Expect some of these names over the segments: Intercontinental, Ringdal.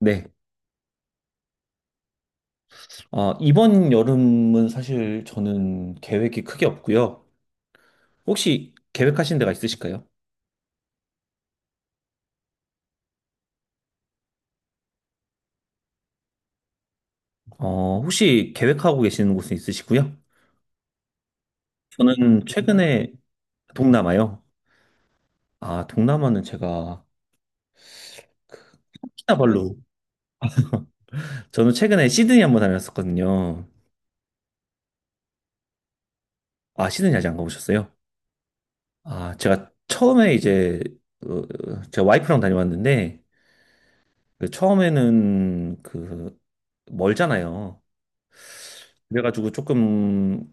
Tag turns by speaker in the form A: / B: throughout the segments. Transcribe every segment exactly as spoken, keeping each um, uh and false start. A: 네. 아, 이번 여름은 사실 저는 계획이 크게 없고요. 혹시 계획하신 데가 있으실까요? 어, 혹시 계획하고 계시는 곳은 있으시고요? 저는 최근에 동남아요. 아, 동남아는 제가 호키나발루. 저는 최근에 시드니 한번 다녔었거든요. 아, 시드니 아직 안 가보셨어요? 아, 제가 처음에 이제 어, 제가 와이프랑 다녀왔는데 그 처음에는 그 멀잖아요. 그래가지고 조금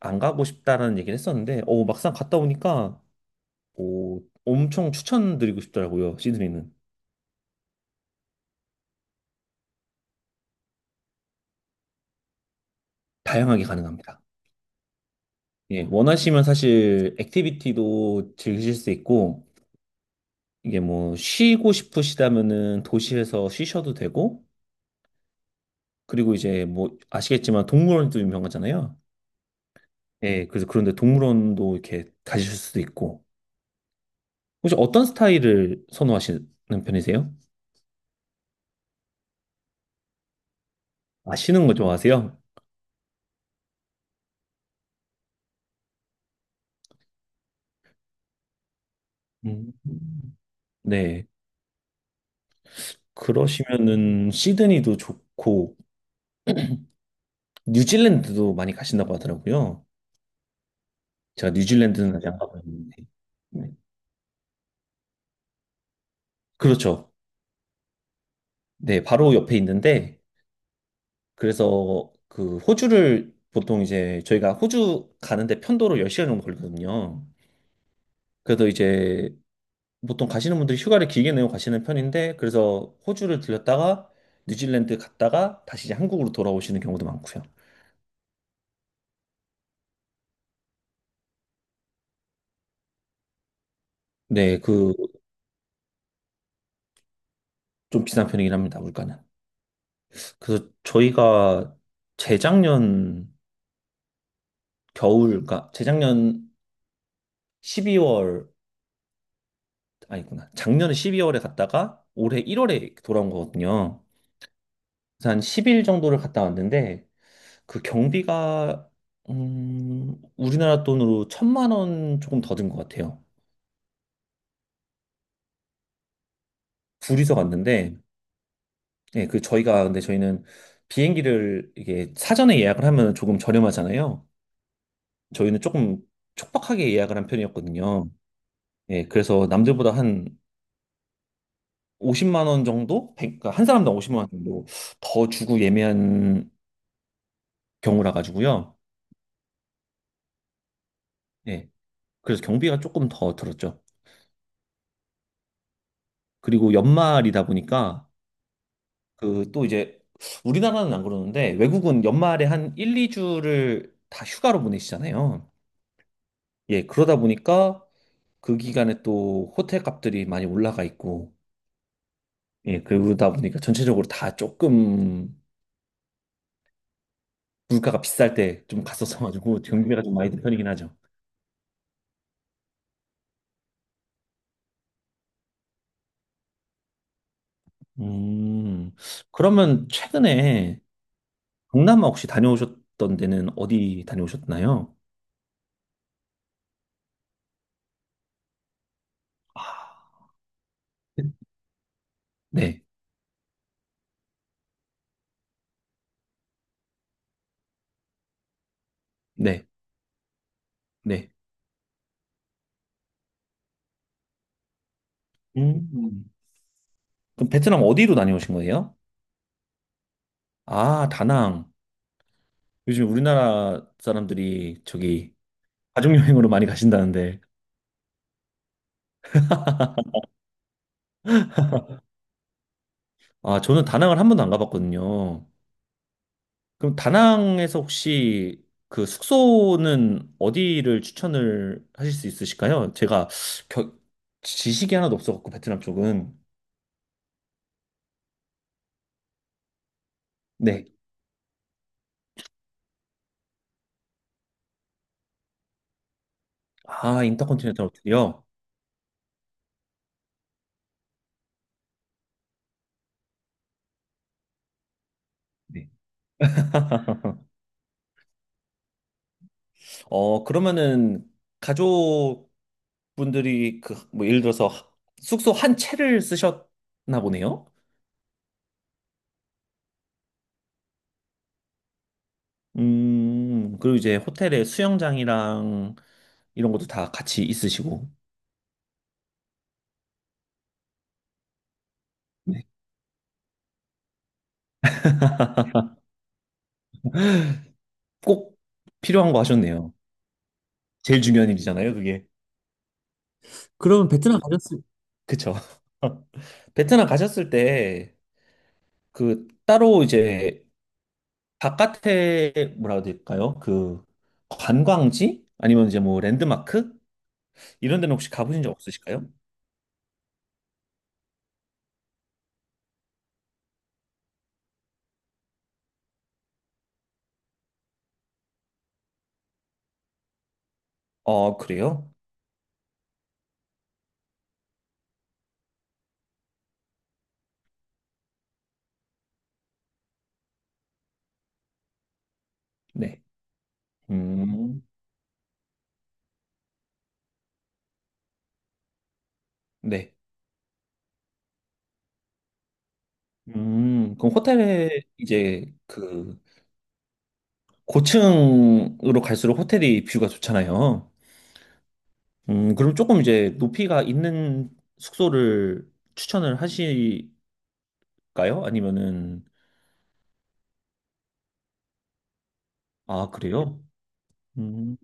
A: 안 가고 싶다라는 얘기를 했었는데, 오, 막상 갔다 오니까, 오, 엄청 추천드리고 싶더라고요, 시드니는. 다양하게 가능합니다. 예, 원하시면 사실 액티비티도 즐기실 수 있고, 이게 뭐 쉬고 싶으시다면은 도시에서 쉬셔도 되고, 그리고 이제 뭐 아시겠지만 동물원도 유명하잖아요. 예, 그래서 그런데 동물원도 이렇게 가실 수도 있고. 혹시 어떤 스타일을 선호하시는 편이세요? 아시는 거 좋아하세요? 음. 네. 그러시면은 시드니도 좋고 뉴질랜드도 많이 가신다고 하더라고요. 제가 뉴질랜드는 아직 안 가봤는데. 네. 그렇죠. 네, 바로 옆에 있는데 그래서 그 호주를 보통 이제 저희가 호주 가는데 편도로 열 시간 정도 걸리거든요. 그래서 이제 보통 가시는 분들이 휴가를 길게 내고 가시는 편인데 그래서 호주를 들렸다가 뉴질랜드 갔다가 다시 이제 한국으로 돌아오시는 경우도 많고요. 네, 그 좀 비싼 편이긴 합니다, 물가는. 그래서 저희가 재작년 겨울, 그 재작년 십이 월, 아니구나. 작년에 십이 월에 갔다가 올해 일 월에 돌아온 거거든요. 그래서 한 십 일 정도를 갔다 왔는데 그 경비가, 음, 우리나라 돈으로 천만 원 조금 더 든 것 같아요. 둘이서 갔는데, 예, 그 저희가, 근데 저희는 비행기를 이게 사전에 예약을 하면 조금 저렴하잖아요. 저희는 조금 촉박하게 예약을 한 편이었거든요. 예, 그래서 남들보다 한 오십만 원 정도? 백- 그러니까 한 사람당 오십만 원 정도 더 주고 예매한 경우라 가지고요. 예. 그래서 경비가 조금 더 들었죠. 그리고 연말이다 보니까 그 또 이제 우리나라는 안 그러는데 외국은 연말에 한 일, 이 주를 다 휴가로 보내시잖아요. 예. 그러다 보니까 그 기간에 또 호텔 값들이 많이 올라가 있고 예. 그러다 보니까 전체적으로 다 조금 물가가 비쌀 때 좀 갔었어 가지고 경비가 좀 많이 든 편이긴 하죠. 음, 그러면 최근에 동남아 혹시 다녀오셨던 데는 어디 다녀오셨나요? 아, 네, 네, 네. 음. 그럼 베트남 어디로 다녀오신 거예요? 아, 다낭. 요즘 우리나라 사람들이 저기 가족여행으로 많이 가신다는데. 아, 저는 다낭을 한 번도 안 가봤거든요. 그럼 다낭에서 혹시 그 숙소는 어디를 추천을 하실 수 있으실까요? 제가 겨- 지식이 하나도 없어갖고 베트남 쪽은. 네. 아, 인터컨티넨탈 호텔이요? 네. 어, 그러면은 가족분들이 그, 뭐, 예를 들어서 숙소 한 채를 쓰셨나 보네요? 음, 그리고 이제 호텔에 수영장이랑 이런 것도 다 같이 있으시고. 네. 꼭 필요한 거 하셨네요. 제일 중요한 일이잖아요, 그게. 그러면 베트남 가셨을 그쵸? 베트남 가셨을 때 그 따로 이제 바깥에 뭐라고 해야 될까요? 그 관광지? 아니면 이제 뭐 랜드마크? 이런 데는 혹시 가보신 적 없으실까요? 어, 그래요? 네. 음, 네. 음, 그럼 호텔에 이제 그 고층으로 갈수록 호텔이 뷰가 좋잖아요. 음, 그럼 조금 이제 높이가 있는 숙소를 추천을 하실까요? 아니면은, 아, 그래요? 음,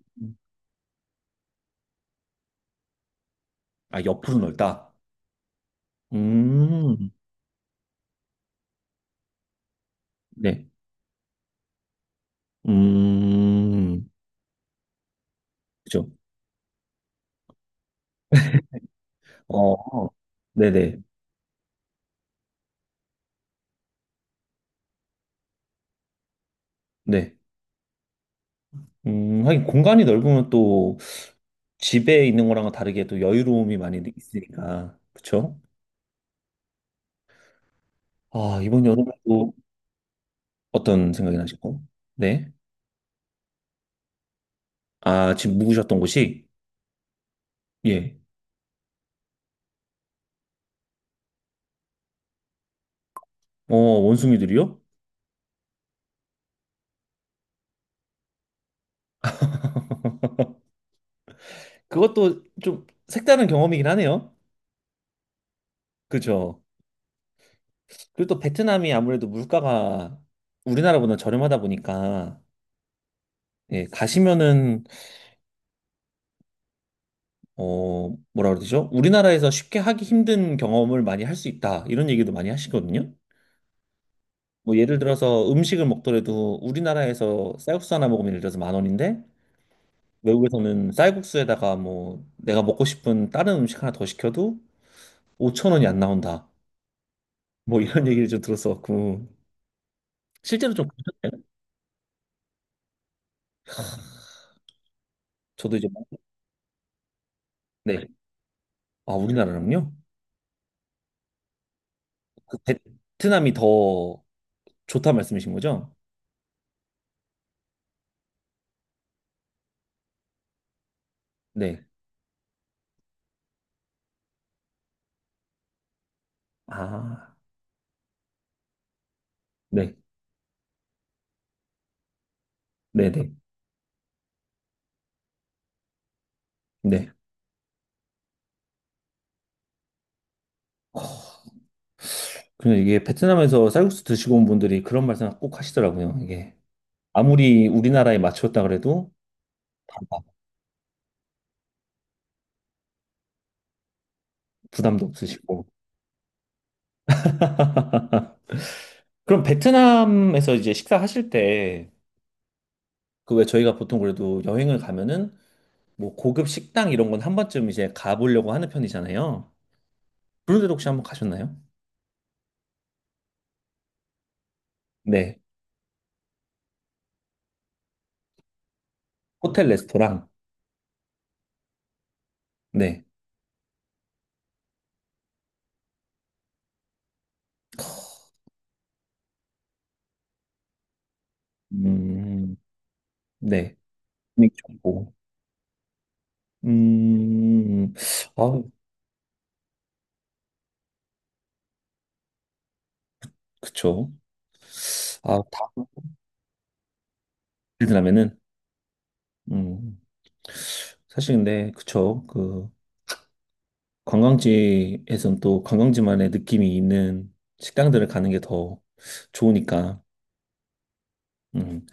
A: 아, 옆으로 넓다. 음, 네. 음, 그죠. 어, 네네, 네. 음, 하긴 공간이 넓으면 또 집에 있는 거랑은 다르게 또 여유로움이 많이 있으니까, 그쵸? 아, 이번 여름에 또 어떤 생각이 나시고? 네. 아, 지금 묵으셨던 곳이? 예. 어, 원숭이들이요? 그것도 좀 색다른 경험이긴 하네요. 그죠. 그리고 또 베트남이 아무래도 물가가 우리나라보다 저렴하다 보니까, 예, 가시면은 어, 뭐라 그러죠? 우리나라에서 쉽게 하기 힘든 경험을 많이 할 수 있다. 이런 얘기도 많이 하시거든요. 뭐 예를 들어서 음식을 먹더라도 우리나라에서 쌀국수 하나 먹으면 예를 들어서 만 원인데 외국에서는 쌀국수에다가 뭐 내가 먹고 싶은 다른 음식 하나 더 시켜도 오천 원이 안 나온다. 뭐 이런 얘기를 좀 들었어갖고 실제로 좀 저도 이제 네. 아, 우리나라랑요? 그 베트남이 더 좋다 말씀이신 거죠? 네. 아, 네. 네네. 네. 근데 이게 베트남에서 쌀국수 드시고 온 분들이 그런 말씀 꼭 하시더라고요. 이게 아무리 우리나라에 맞췄다 그래도 다 부담도 없으시고. 그럼 베트남에서 이제 식사하실 때, 그 왜 저희가 보통 그래도 여행을 가면은 뭐 고급 식당 이런 건 한 번쯤 이제 가보려고 하는 편이잖아요. 그런 데도 혹시 한번 가셨나요? 네. 호텔 레스토랑. 네. 음, 네. 분위기 좋고. 음, 아, 그쵸. 아, 다 베트남에는. 음. 사실 근데 그쵸 그 관광지에선 또 관광지만의 느낌이 있는 식당들을 가는 게 더 좋으니까 음.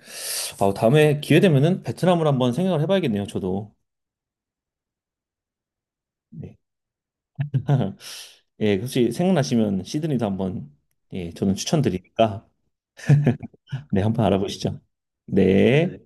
A: 아, 다음에 기회 되면은 베트남을 한번 생각을 해봐야겠네요 저도 네. 예 혹시 생각나시면 시드니도 한번 예 저는 추천드리니까 네 한번 알아보시죠 네